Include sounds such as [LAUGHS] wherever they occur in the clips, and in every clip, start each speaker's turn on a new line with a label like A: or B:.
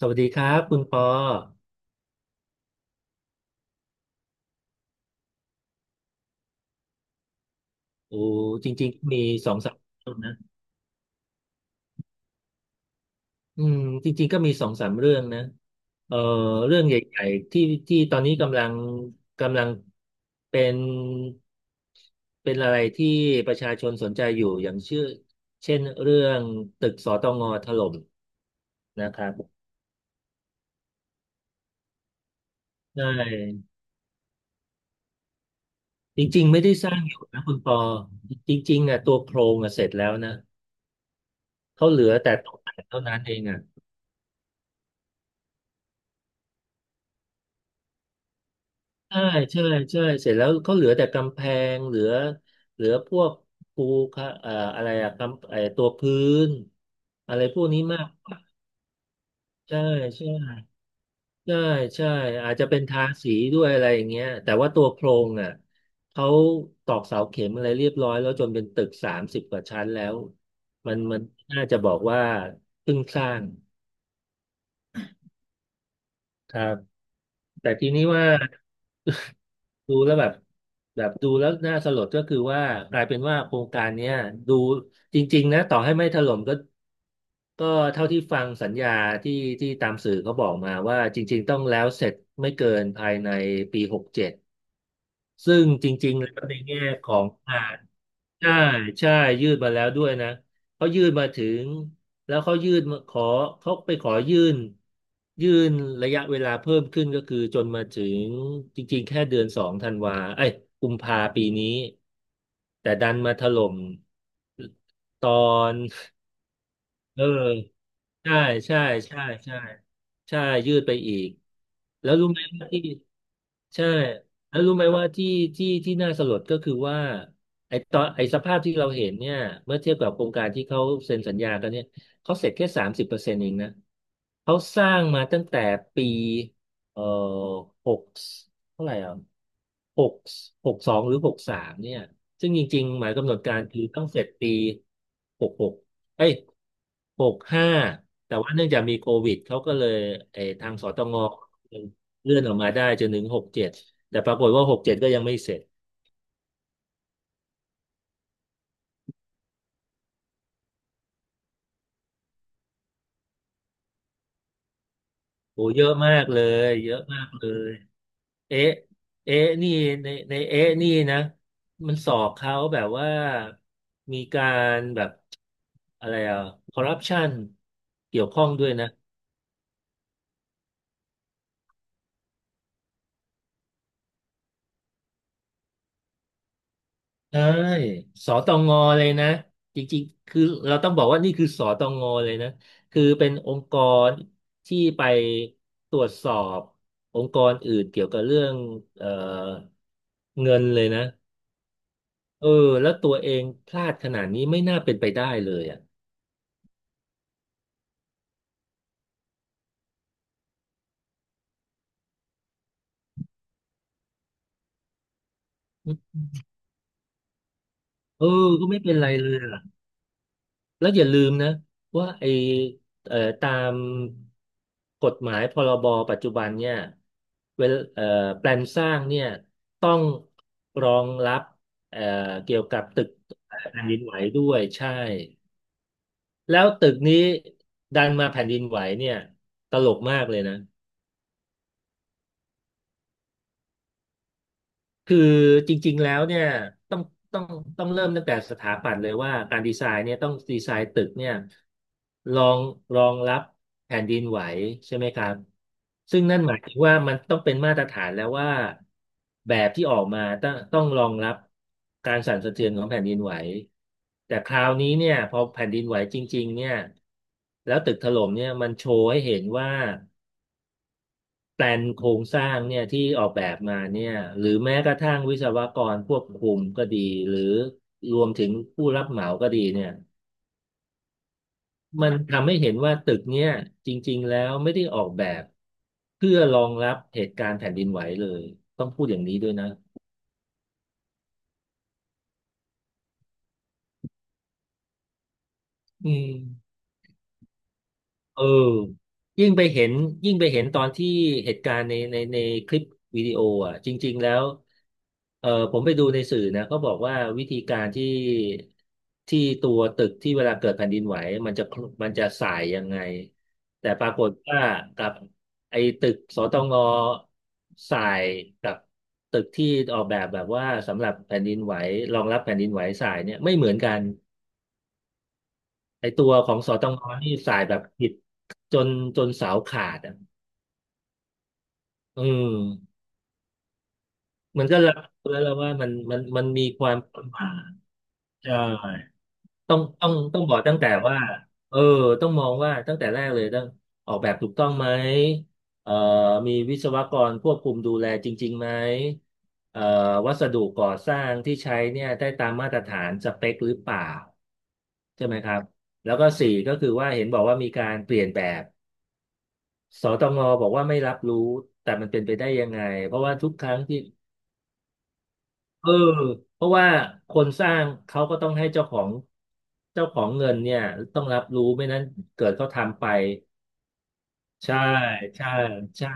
A: สวัสดีครับคุณปอโอ้จริงๆมีสองสามเรื่องนะอืมจริงๆก็มีสองสามเรื่องนะเอ่อเรื่องใหญ่ๆที่ตอนนี้กำลังกำลังเป็นอะไรที่ประชาชนสนใจอยู่อย่างเชื่อเช่นเรื่องตึกสตงถล่มนะครับใช่จริงๆไม่ได้สร้างอยู่นะคุณปอจริงๆอ่ะตัวโครงอ่ะเสร็จแล้วนะเขาเหลือแต่ตกแต่งเท่านั้นเองอ่ะ ใช่ใช่ใช่เสร็จแล้วเขาเหลือแต่กำแพงเหลือพวกปูค่ะอะไรอะกำไอตัวพื้นอะไรพวกนี้มากใช่ใช่ใช่ใช่อาจจะเป็นทาสีด้วยอะไรอย่างเงี้ยแต่ว่าตัวโครงอ่ะเขาตอกเสาเข็มอะไรเรียบร้อยแล้วจนเป็นตึก30 กว่าชั้นแล้วมันน่าจะบอกว่าเพิ่งสร้างครับแต่ทีนี้ว่า ดูแล้วแบบแบบดูแล้วน่าสลดก็คือว่ากลายเป็นว่าโครงการเนี้ยดูจริงๆนะต่อให้ไม่ถล่มก็ก็เท่าที่ฟังสัญญาที่ตามสื่อเขาบอกมาว่าจริงๆต้องแล้วเสร็จไม่เกินภายในปีหกเจ็ดซึ่งจริงๆแล้วในแง่ของา ใช่ใช่ยื่นมาแล้วด้วยนะเขายื่นมาถึงแล้วเขายื่นมาขอเขาไปขอยื่นยื่นระยะเวลาเพิ่มขึ้นก็คือจนมาถึงจริงๆแค่เดือนสองธันวาเอ้ยกุมภาปีนี้แต่ดันมาถล่มตอน [LAUGHS] เออ ใช่ใช่ใช่ใช่ใช่ยืดไปอีกแล้วรู้ไหมว่าที่ใช่แล้วรู้ไหมว่าที่ที่น่าสลดก็คือว่าไอ้ตอนไอ้สภาพที่เราเห็นเนี่ยเมื่อเทียบกับโครงการที่เขาเซ็นสัญญากันเนี่ยเขาเสร็จแค่30%เองนะเขาสร้างมาตั้งแต่ปีเอ่อหกเท่าไหร่อ่ะหก62 หรือ 63เนี่ยซึ่งจริงๆหมายกำหนดการคือต้องเสร็จปีหกหก เอ้ย65แต่ว่าเนื่องจากมีโควิดเขาก็เลยไอ้ทางสตงเลื่อนออกมาได้จนถึงหกเจ็ดแต่ปรากฏว่าหกเจ็ดก็ยังไม่เสร็จโอ้เยอะมากเลยเยอะมากเลยเอ๊ะเอ๊ะนี่ในเอ๊ะนี่นะมันสอบเขาแบบว่ามีการแบบอะไรอ่ะคอร์รัปชันเกี่ยวข้องด้วยนะ ใช่สตงเลยนะจริงๆคือเราต้องบอกว่านี่คือสตงเลยนะคือเป็นองค์กรที่ไปตรวจสอบองค์กรอื่นเกี่ยวกับเรื่องเอ่อเงินเลยนะเออแล้วตัวเองพลาดขนาดนี้ไม่น่าเป็นไปได้เลยอ่ะเออก็ไม่เป็นไรเลย แล้วอย่าลืมนะว่าไอตามกฎหมายพรบปัจจุบันเนี่ยเวลแปลนสร้างเนี่ยต้องรองรับเอ่อเกี่ยวกับตึกแผ่นดินไหวด้วยใช่แล้วตึกนี้ดันมาแผ่นดินไหวเนี่ยตลกมากเลยนะ คือจริงๆแล้วเนี่ยต้องต้องเริ่มตั้งแต่สถาปัตย์เลยว่าการดีไซน์เนี่ยต้องดีไซน์ตึกเนี่ยรองรับแผ่นดินไหวใช่ไหมครับซึ่งนั่นหมายถึงว่ามันต้องเป็นมาตรฐานแล้วว่าแบบที่ออกมาต้องรองรับการสั่นสะเทือนของแผ่นดินไหวแต่คราวนี้เนี่ยพอแผ่นดินไหวจริงๆเนี่ยแล้วตึกถล่มเนี่ยมันโชว์ให้เห็นว่า แปลนโครงสร้างเนี่ยที่ออกแบบมาเนี่ยหรือแม้กระทั่งวิศวกรควบคุมก็ดีหรือรวมถึงผู้รับเหมาก็ดีเนี่ยมันทำให้เห็นว่าตึกเนี่ยจริงๆแล้วไม่ได้ออกแบบเพื่อรองรับเหตุการณ์แผ่นดินไหวเลยต้องพูดอย่างนี้ด้วยนะอืม เออยิ่งไปเห็นยิ่งไปเห็นตอนที่เหตุการณ์ในคลิปวิดีโออ่ะจริงๆแล้วเออผมไปดูในสื่อนะเขาบอกว่าวิธีการที่ตัวตึกที่เวลาเกิดแผ่นดินไหวมันจะส่ายยังไงแต่ปรากฏว่ากับไอ้ตึกสตงส่ายกับตึกที่ออกแบบแบบว่าสำหรับแผ่นดินไหวรองรับแผ่นดินไหวส่ายเนี่ยไม่เหมือนกัน ไอตัวของสตงนี่สายแบบผิดจนเสาขาดอ่ะอืมมันก็รับรู้แล้วว่ามันมีความประมาทใช่ต้องบอกตั้งแต่ว่าเออต้องมองว่าตั้งแต่แรกเลยต้องออกแบบถูกต้องไหมเอ่อมีวิศวกรควบคุมดูแลจริงๆไหมเอ่อวัสดุก่อสร้างที่ใช้เนี่ยได้ตามมาตรฐานสเปคหรือเปล่าใช่ไหมครับแล้วก็สี่ก็คือว่าเห็นบอกว่ามีการเปลี่ยนแบบ สตงบอกว่าไม่รับรู้แต่มันเป็นไปได้ยังไงเพราะว่าทุกครั้งที่เออเพราะว่าคนสร้างเขาก็ต้องให้เจ้าของเงินเนี่ยต้องรับรู้ไม่นั้นเกิดเขาทำไปใช่ใช่ใช่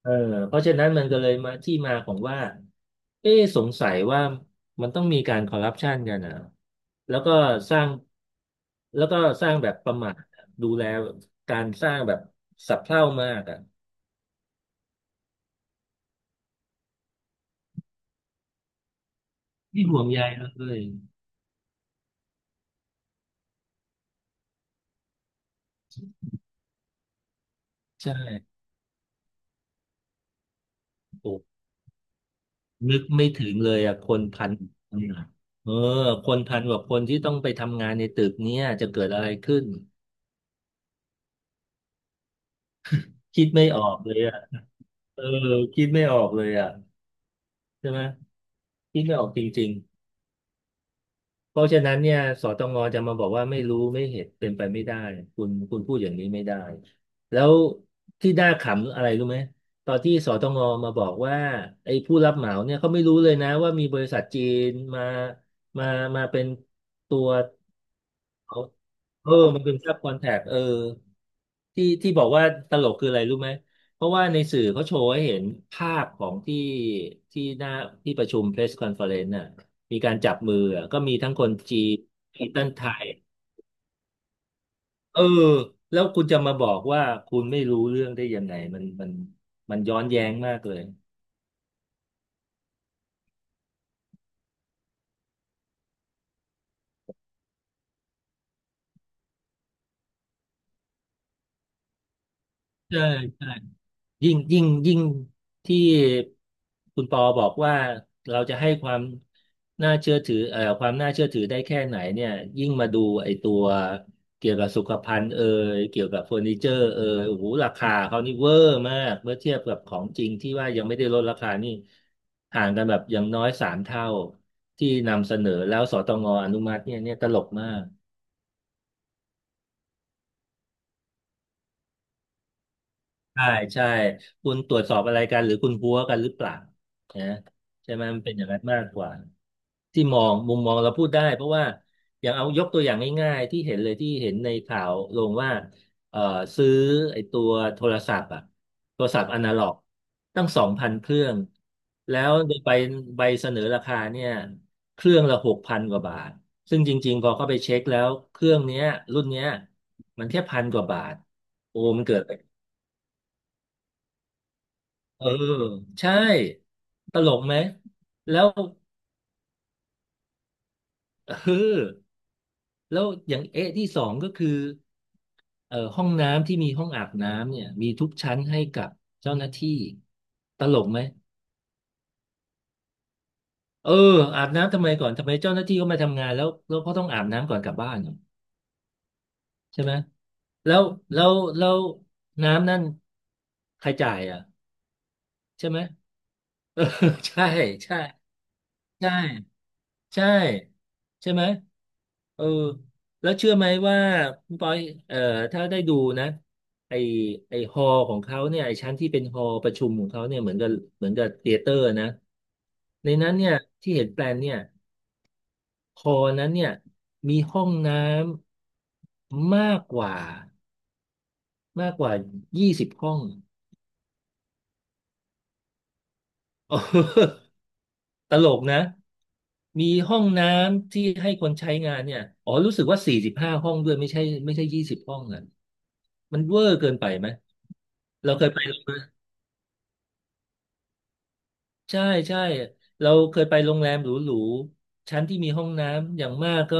A: เออเพราะฉะนั้นมันก็เลยมาที่มาของว่าเอ๊ะสงสัยว่ามันต้องมีการคอร์รัปชันกันนะแล้วก็สร้างแล้วก็สร้างแบบประมาทดูแลการสร้างแบบสับเท่ามากอ่ะที่ห่วงใยเลย ใช่โอ้นึกไม่ถึงเลยอ่ะคนพันคนอ่ะเออคน1,000 กว่าคนที่ต้องไปทำงานในตึกเนี้ยจะเกิดอะไรขึ้น คิดไม่ออกเลยอ่ะเออคิดไม่ออกเลยอ่ะใช่ไหมคิดไม่ออกจริงๆเพราะฉะนั้นเนี่ยสตงจะมาบอกว่าไม่รู้ไม่เห็นเป็นไปไม่ได้คุณพูดอย่างนี้ไม่ได้ แล้วที่น่าขำอะไรรู้ไหมตอนที่สตงมาบอกว่าไอ้ผู้รับเหมาเนี่ยเขาไม่รู้เลยนะว่ามีบริษัทจีนมามามาเป็นตัว เอาเออมันเปืนซับคอนแทคที่บอกว่าตลกคืออะไรรู้ไหมเพราะว่าในสื่อเขาโชว์ให้เห็นภาพของที่หน้าที่ประชุม press conference น่ะมีการจับมืออะก็มีทั้งคนจีนมีทั้งไทยเออแล้วคุณจะมาบอกว่าคุณไม่รู้เรื่องได้ยังไงมันย้อนแย้งมากเลยใช่ใช่ ยิ่งที่คุณปอบอกว่าเราจะให้ความน่าเชื่อถือความน่าเชื่อถือได้แค่ไหนเนี่ยยิ่งมาดูไอ้ตัวเกี่ยวกับสุขภัณฑ์เกี่ยวกับเฟอร์นิเจอร์เอ่ยโอ้โหราคาเขานี่เวอร์มากเมื่อเทียบกับของจริงที่ว่ายังไม่ได้ลดราคานี่ห่างกันแบบอย่างน้อย3 เท่าที่นำเสนอแล้วสตงอนุมัติเนี่ยเนี่ยตลกมาก ใช่ใช่คุณตรวจสอบอะไรกันหรือคุณพัวกันหรือเปล่านะใช่ไหมมันเป็นอย่างนั้นมากกว่าที่มองมุมมองเราพูดได้เพราะว่าอย่างเอายกตัวอย่างง่ายๆที่เห็นเลยที่เห็นในข่าวลงว่าเอ่อซื้อไอ้ตัวโทรศัพท์อะโทรศัพท์อนาล็อกตั้ง2,000 เครื่องแล้วโดยไปใบเสนอราคาเนี่ยเครื่องละ6,000 กว่าบาทซึ่งจริงๆพอเข้าไปเช็คแล้วเครื่องเนี้ยรุ่นเนี้ยมันแค่พันกว่าบาทโอ้มันเกิด เออใช่ตลกไหมแล้วเออแล้วอย่างเอะที่สองก็คือห้องน้ำที่มีห้องอาบน้ำเนี่ยมีทุกชั้นให้กับเจ้าหน้าที่ตลกไหมเอออาบน้ำทำไมก่อนทำไมเจ้าหน้าที่เขามาทำงานแล้วแล้วเขาต้องอาบน้ำก่อนกลับบ้านเหรอใช่ไหมแล้วแล้วแล้วน้ำนั่นใครจ่ายอ่ะใช่ไหมเออ [LAUGHS] ใช่ใช่ใช่ ใช่ใช่ไหมเออแล้วเชื่อไหมว่าคุณปอยเอ่อถ้าได้ดูนะไอไอฮอลของเขาเนี่ยไอชั้นที่เป็นฮอลประชุมของเขาเนี่ยเหมือนกับเธียเตอร์นะในนั้นเนี่ยที่เห็นแปลนเนี่ยฮอลนั้นเนี่ยมีห้องน้ำมากกว่ายี่สิบห้อง [LAUGHS] ตลกนะมีห้องน้ำที่ให้คนใช้งานเนี่ยอ๋อรู้สึกว่า45 ห้องด้วยไม่ใช่ไม่ใช่ยี่สิบห้องอ่ะมันเวอร์เกินไปไหมเราเคยไปโรงแรมใช่ใช่เราเคยไปโรงแรมหรูๆชั้นที่มีห้องน้ำอย่างมากก็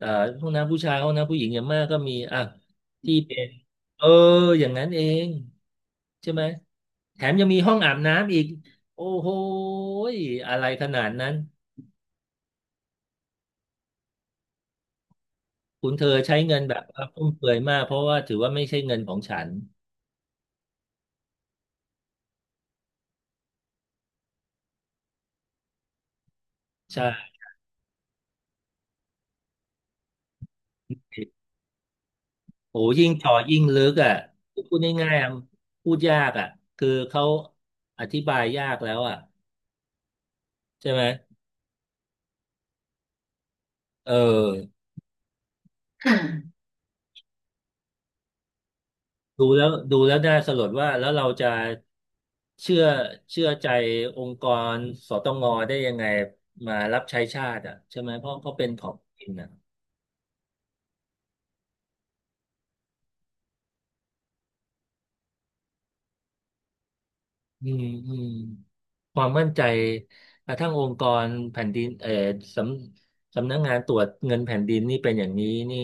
A: อ่าห้องน้ำผู้ชายห้องน้ำผู้หญิงอย่างมากก็มีอ่ะที่เป็นเอออย่างนั้นเองใช่ไหมแถมยังมีห้องอาบน้ำอีกโอ้โหยอะไรขนาดนั้น คุณเธอใช้เงินแบบว่าฟุ่มเฟือยมากเพราะว่าถือว่าไม่ใช่เงินของฉันใช่โอ้ยิ่งเจ่อยิ่งลึกอ่ะพูดง่ายๆอะพูดยากอ่ะคือเขาอธิบายยากแล้วอ่ะใช่ไหมเออค่ะดูแล้วน่าสลดว่าแล้วเราจะเชื่อใจองค์กรสตงได้ยังไงมารับใช้ชาติอ่ะใช่ไหมเพราะเขาเป็นของจริงอ่ะ อืมอืมความมั่นใจกระทั่งองค์กรแผ่นดินเอ่อสสำนักงานตรวจเงินแผ่นดินนี่เป็นอย่างนี้นี่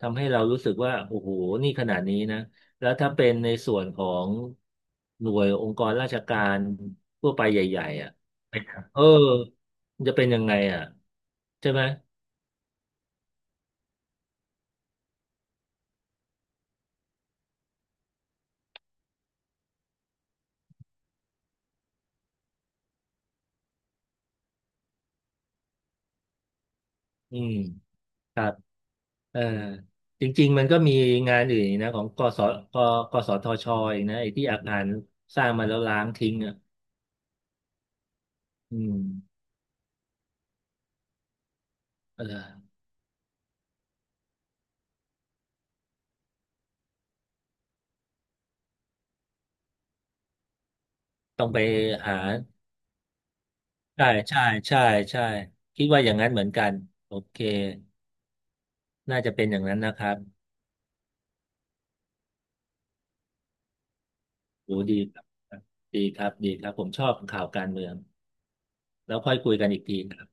A: ทำให้เรารู้สึกว่าโอ้โหนี่ขนาดนี้นะแล้วถ้าเป็นในส่วนของหน่วยองค์กรราชการทั่วไปใหญ่ๆอ่ะเออมันจะเป็นยังไงอ่ะใช่ไหมอืมครับเออจริงๆมันก็มีงานอื่นอีกนะของกกสทชอีกนะไอ้ที่อาคารสร้างมาแล้วล้างทิ้งอ่ะอืม เออต้องไปหาใช่ใช่ใช่ใช่คิดว่าอย่างนั้นเหมือนกันโอเคน่าจะเป็นอย่างนั้นนะครับโหดีครับดีครับดีครับผมชอบข่าวการเมืองแล้วค่อยคุยกันอีกทีครับ